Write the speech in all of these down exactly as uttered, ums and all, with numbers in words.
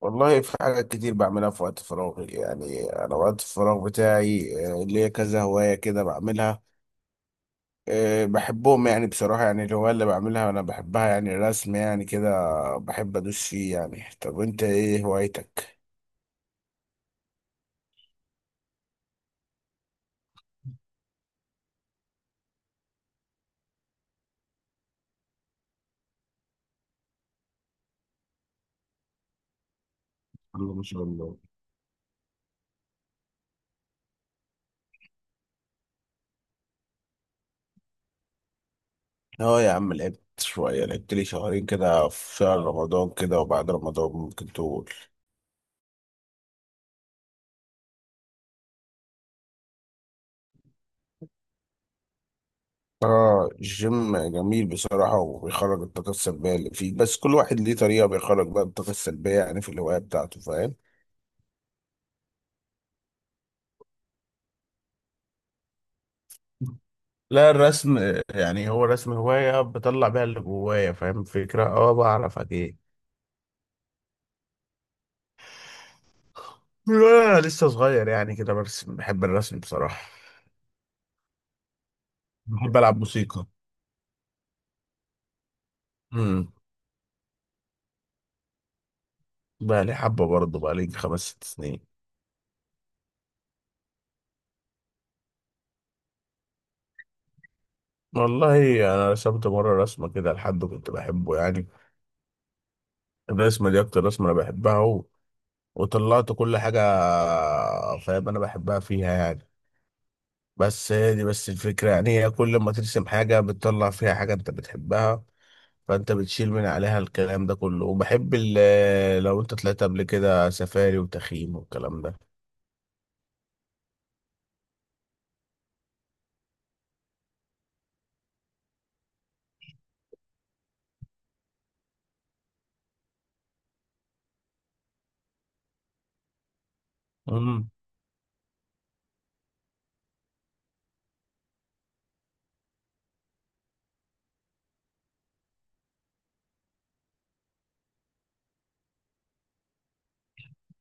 والله في حاجات كتير بعملها في وقت فراغي، يعني أنا وقت الفراغ بتاعي آه، ليا كذا هواية كده بعملها. آه، بحبهم، يعني بصراحة يعني الهواية اللي بعملها أنا بحبها، يعني الرسم يعني كده بحب أدوس فيه. يعني طب أنت إيه هوايتك؟ الله ما شاء الله. اه يا عم، لعبت شوية، لعبت لي شهرين كده في شهر رمضان كده، وبعد رمضان ممكن تقول. اه الجيم جميل بصراحة، وبيخرج الطاقة السلبية اللي فيه، بس كل واحد ليه طريقة بيخرج بقى الطاقة السلبية يعني في الهواية بتاعته، فاهم. لا الرسم، يعني هو الرسم هواية بطلع بيها اللي جوايا، فاهم الفكرة، اه بعرف اجي. لا، لسه صغير، يعني كده برسم، بحب الرسم بصراحة. بحب ألعب موسيقى. امم. بقى لي حبة، برضه بقى لي خمس ست سنين. والله أنا رسمت مرة رسمة كده لحد كنت بحبه، يعني الرسمة دي أكتر رسمة أنا بحبها، و... وطلعت كل حاجة. فاهم أنا بحبها فيها يعني. بس هي دي بس الفكرة، يعني هي كل ما ترسم حاجة بتطلع فيها حاجة أنت بتحبها، فانت بتشيل من عليها الكلام ده كله. وبحب ال- لو انت طلعت قبل كده سفاري وتخييم والكلام ده. امم.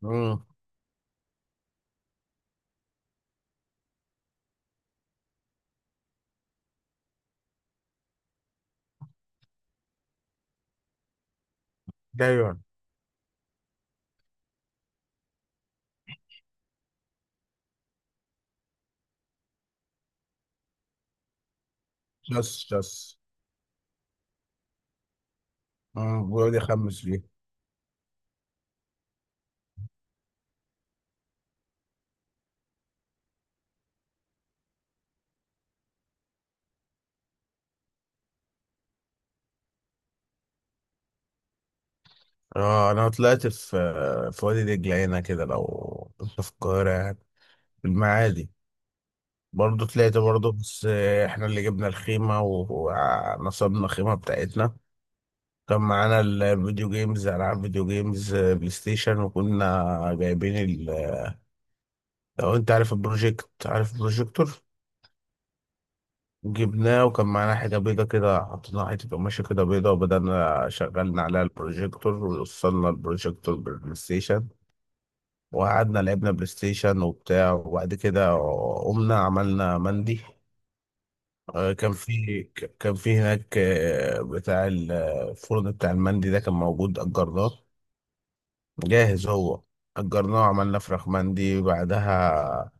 امم. ايوه. شس شس. امم، ويقعد يخمس فيه. اه انا طلعت في في وادي دجله هنا كده، لو انت في القاهره يعني، في المعادي. برضه طلعت برضه بس. احنا اللي جبنا الخيمه و- ونصبنا الخيمه بتاعتنا. كان معانا الفيديو جيمز، العاب فيديو جيمز، بلاي ستيشن، وكنا جايبين، لو انت عارف البروجيكت، عارف البروجيكتور، جبناه. وكان معانا حاجة بيضة كده، حطينا حتة قماشة كده بيضة، وبدأنا شغلنا عليها البروجيكتور، ووصلنا البروجيكتور بالبلاي ستيشن. وقعدنا لعبنا بلاي ستيشن وبتاع. وبعد كده قمنا عملنا مندي. آه، كان في ك- كان في هناك، آه، بتاع ال- آه، الفرن بتاع المندي ده، كان موجود أجرناه، جاهز هو. أجرناه وعملنا فراخ مندي بعدها.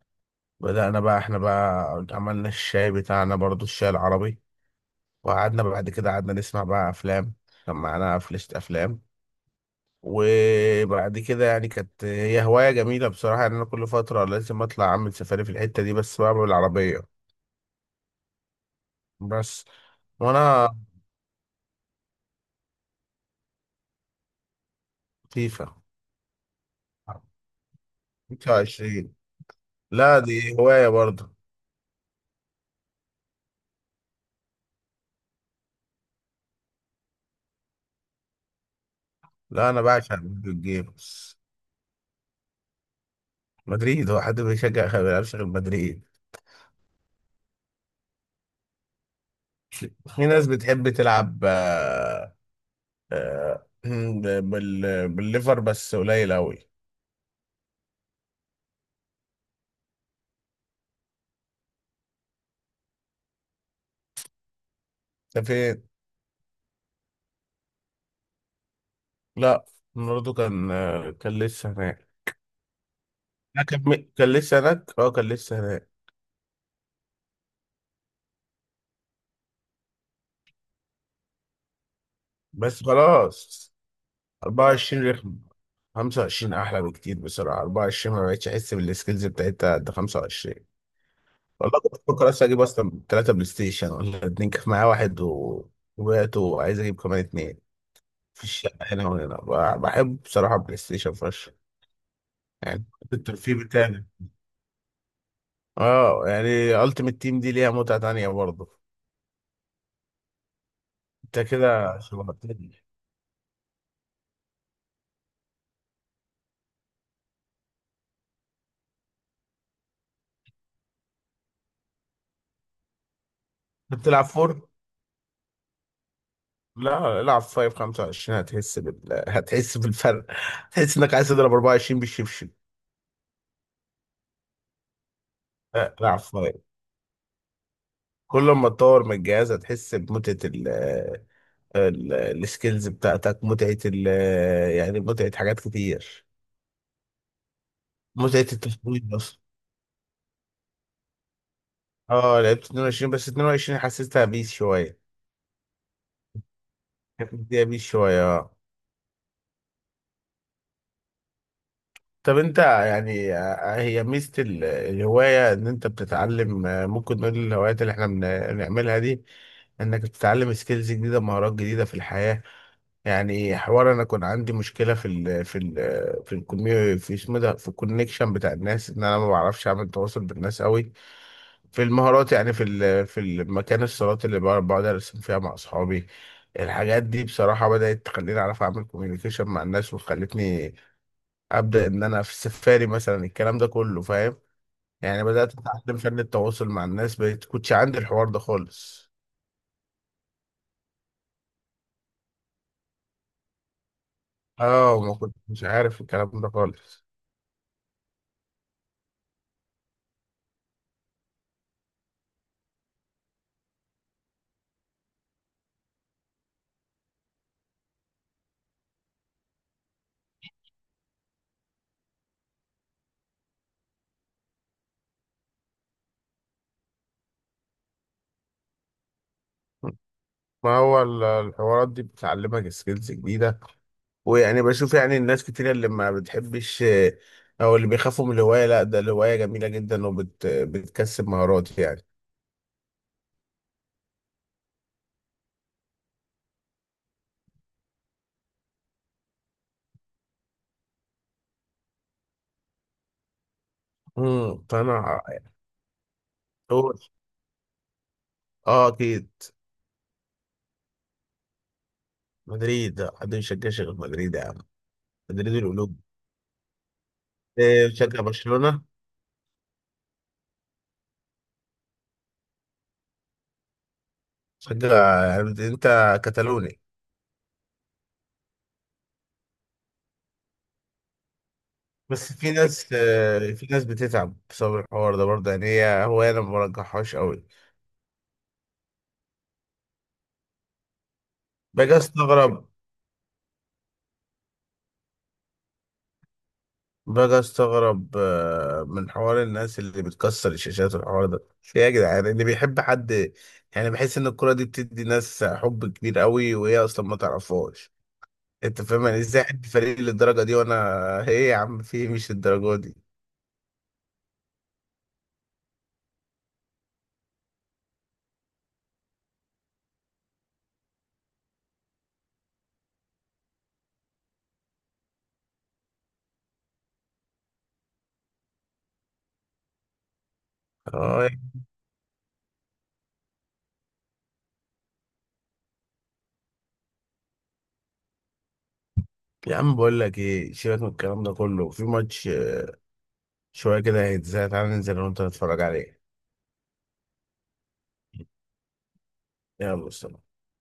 بدأنا بقى احنا بقى عملنا الشاي بتاعنا برضو، الشاي العربي. وقعدنا بعد كده قعدنا نسمع بقى أفلام، كان معانا فلاشة أفلام. وبعد كده يعني كانت هي هواية جميلة بصراحة، يعني أنا كل فترة لازم أطلع أعمل سفاري في الحتة دي بس بقى بالعربية. بس وأنا لطيفة. خمسة وعشرين. لا دي هواية برضه. لا أنا بعشق فيديو جيمز. مدريد، هو حد بيشجع ما بيلعبش غير مدريد. في ناس بتحب تلعب آه، آه، بال... بالليفر بس قليل قوي. ده فين؟ لا برضه كان، آه، كان لسه هناك. لا، كان م- كان لسه هناك، اه كان لسه هناك. بس خلاص. أربعة وعشرين رخم، خمسة وعشرين احلى بكتير بسرعه، أربعة وعشرون ما بقتش احس بالسكيلز بتاعتها قد خمسة وعشرين. والله كنت بفكر اصلا اجيب اصلا ثلاثه بلاي ستيشن ولا اتنين، كان معايا واحد و- وبعته، وعايز اجيب كمان اتنين في الشقه هنا وهنا. ب- بحب بصراحه بلاي ستيشن فشخ، يعني الترفيه بتاعي. اه يعني التيمت تيم دي ليها متعة تانية برضه. انت كده شبهتني. بتلعب فور؟ لا العب فايف خمسة وعشرين، هتحس بال... هتحس بالفرق، هتحس انك عايز تضرب أربعة وعشرين بالشبشب. لا، العب فايف، كل ما تطور من الجهاز هتحس بمتعة ال... ال... السكيلز بتاعتك، متعة ال... يعني متعة حاجات كتير، متعة التفويض بس. اه لعبت اتنين وعشرين، بس اتنين وعشرين حسيتها بيس شوية، كانت مديها بيس شوية آه. طب انت يعني، آه، هي ميزة ال- الهواية ان انت بتتعلم، آه، ممكن نقول الهوايات اللي احنا بن- بنعملها دي، انك بتتعلم سكيلز جديدة، مهارات جديدة في الحياة. يعني حوار انا كان عندي مشكلة في ال في ال في الكميو في اسمه ده في الكونكشن بتاع الناس، ان انا ما بعرفش اعمل تواصل بالناس قوي، في المهارات. يعني في ال في المكان، الصالات اللي بقعد بقعد ارسم فيها مع اصحابي، الحاجات دي بصراحة بدأت تخليني أعرف أعمل كوميونيكيشن مع الناس، وخلتني ابدا ان انا في السفاري مثلا، الكلام ده كله فاهم. يعني بدات اتعلم فن التواصل مع الناس، بقيت كنتش عندي الحوار ده خالص. اه ما كنتش عارف الكلام ده خالص. ما هو ال- الحوارات دي بتعلمك سكيلز جديدة، ويعني بشوف يعني الناس كتير اللي ما بتحبش آه، أو اللي بيخافوا من الهواية. لا ده الهواية جميلة جدا، وبت بتكسب مهارات يعني. امم فأنا أقول أه أكيد. مدريد، حد مش شجعش غير مدريد يا عم، مدريد القلوب. آه، بشجع برشلونة؟ صدق، يعني انت كتالوني. بس في ناس، آه، في ناس بتتعب بسبب الحوار ده برضه، يعني هي هو انا ما برجحهاش قوي. باجي استغرب باجي استغرب، آه، من حوار الناس اللي بتكسر الشاشات والحوار ده، في ايه يا جدعان اللي بيحب حد. يعني بحس ان الكرة دي بتدي ناس حب كبير قوي وهي اصلا ما تعرفهاش، انت فاهم، يعني ازاي حد فريق للدرجة دي. وانا ايه يا عم في إيه؟ مش الدرجة دي. اه يا عم بقول لك ايه، سيبك من الكلام ده كله، في ماتش شوية كده هيتزاي، تعالى ننزل أنا وأنت نتفرج عليه. يلا سلام.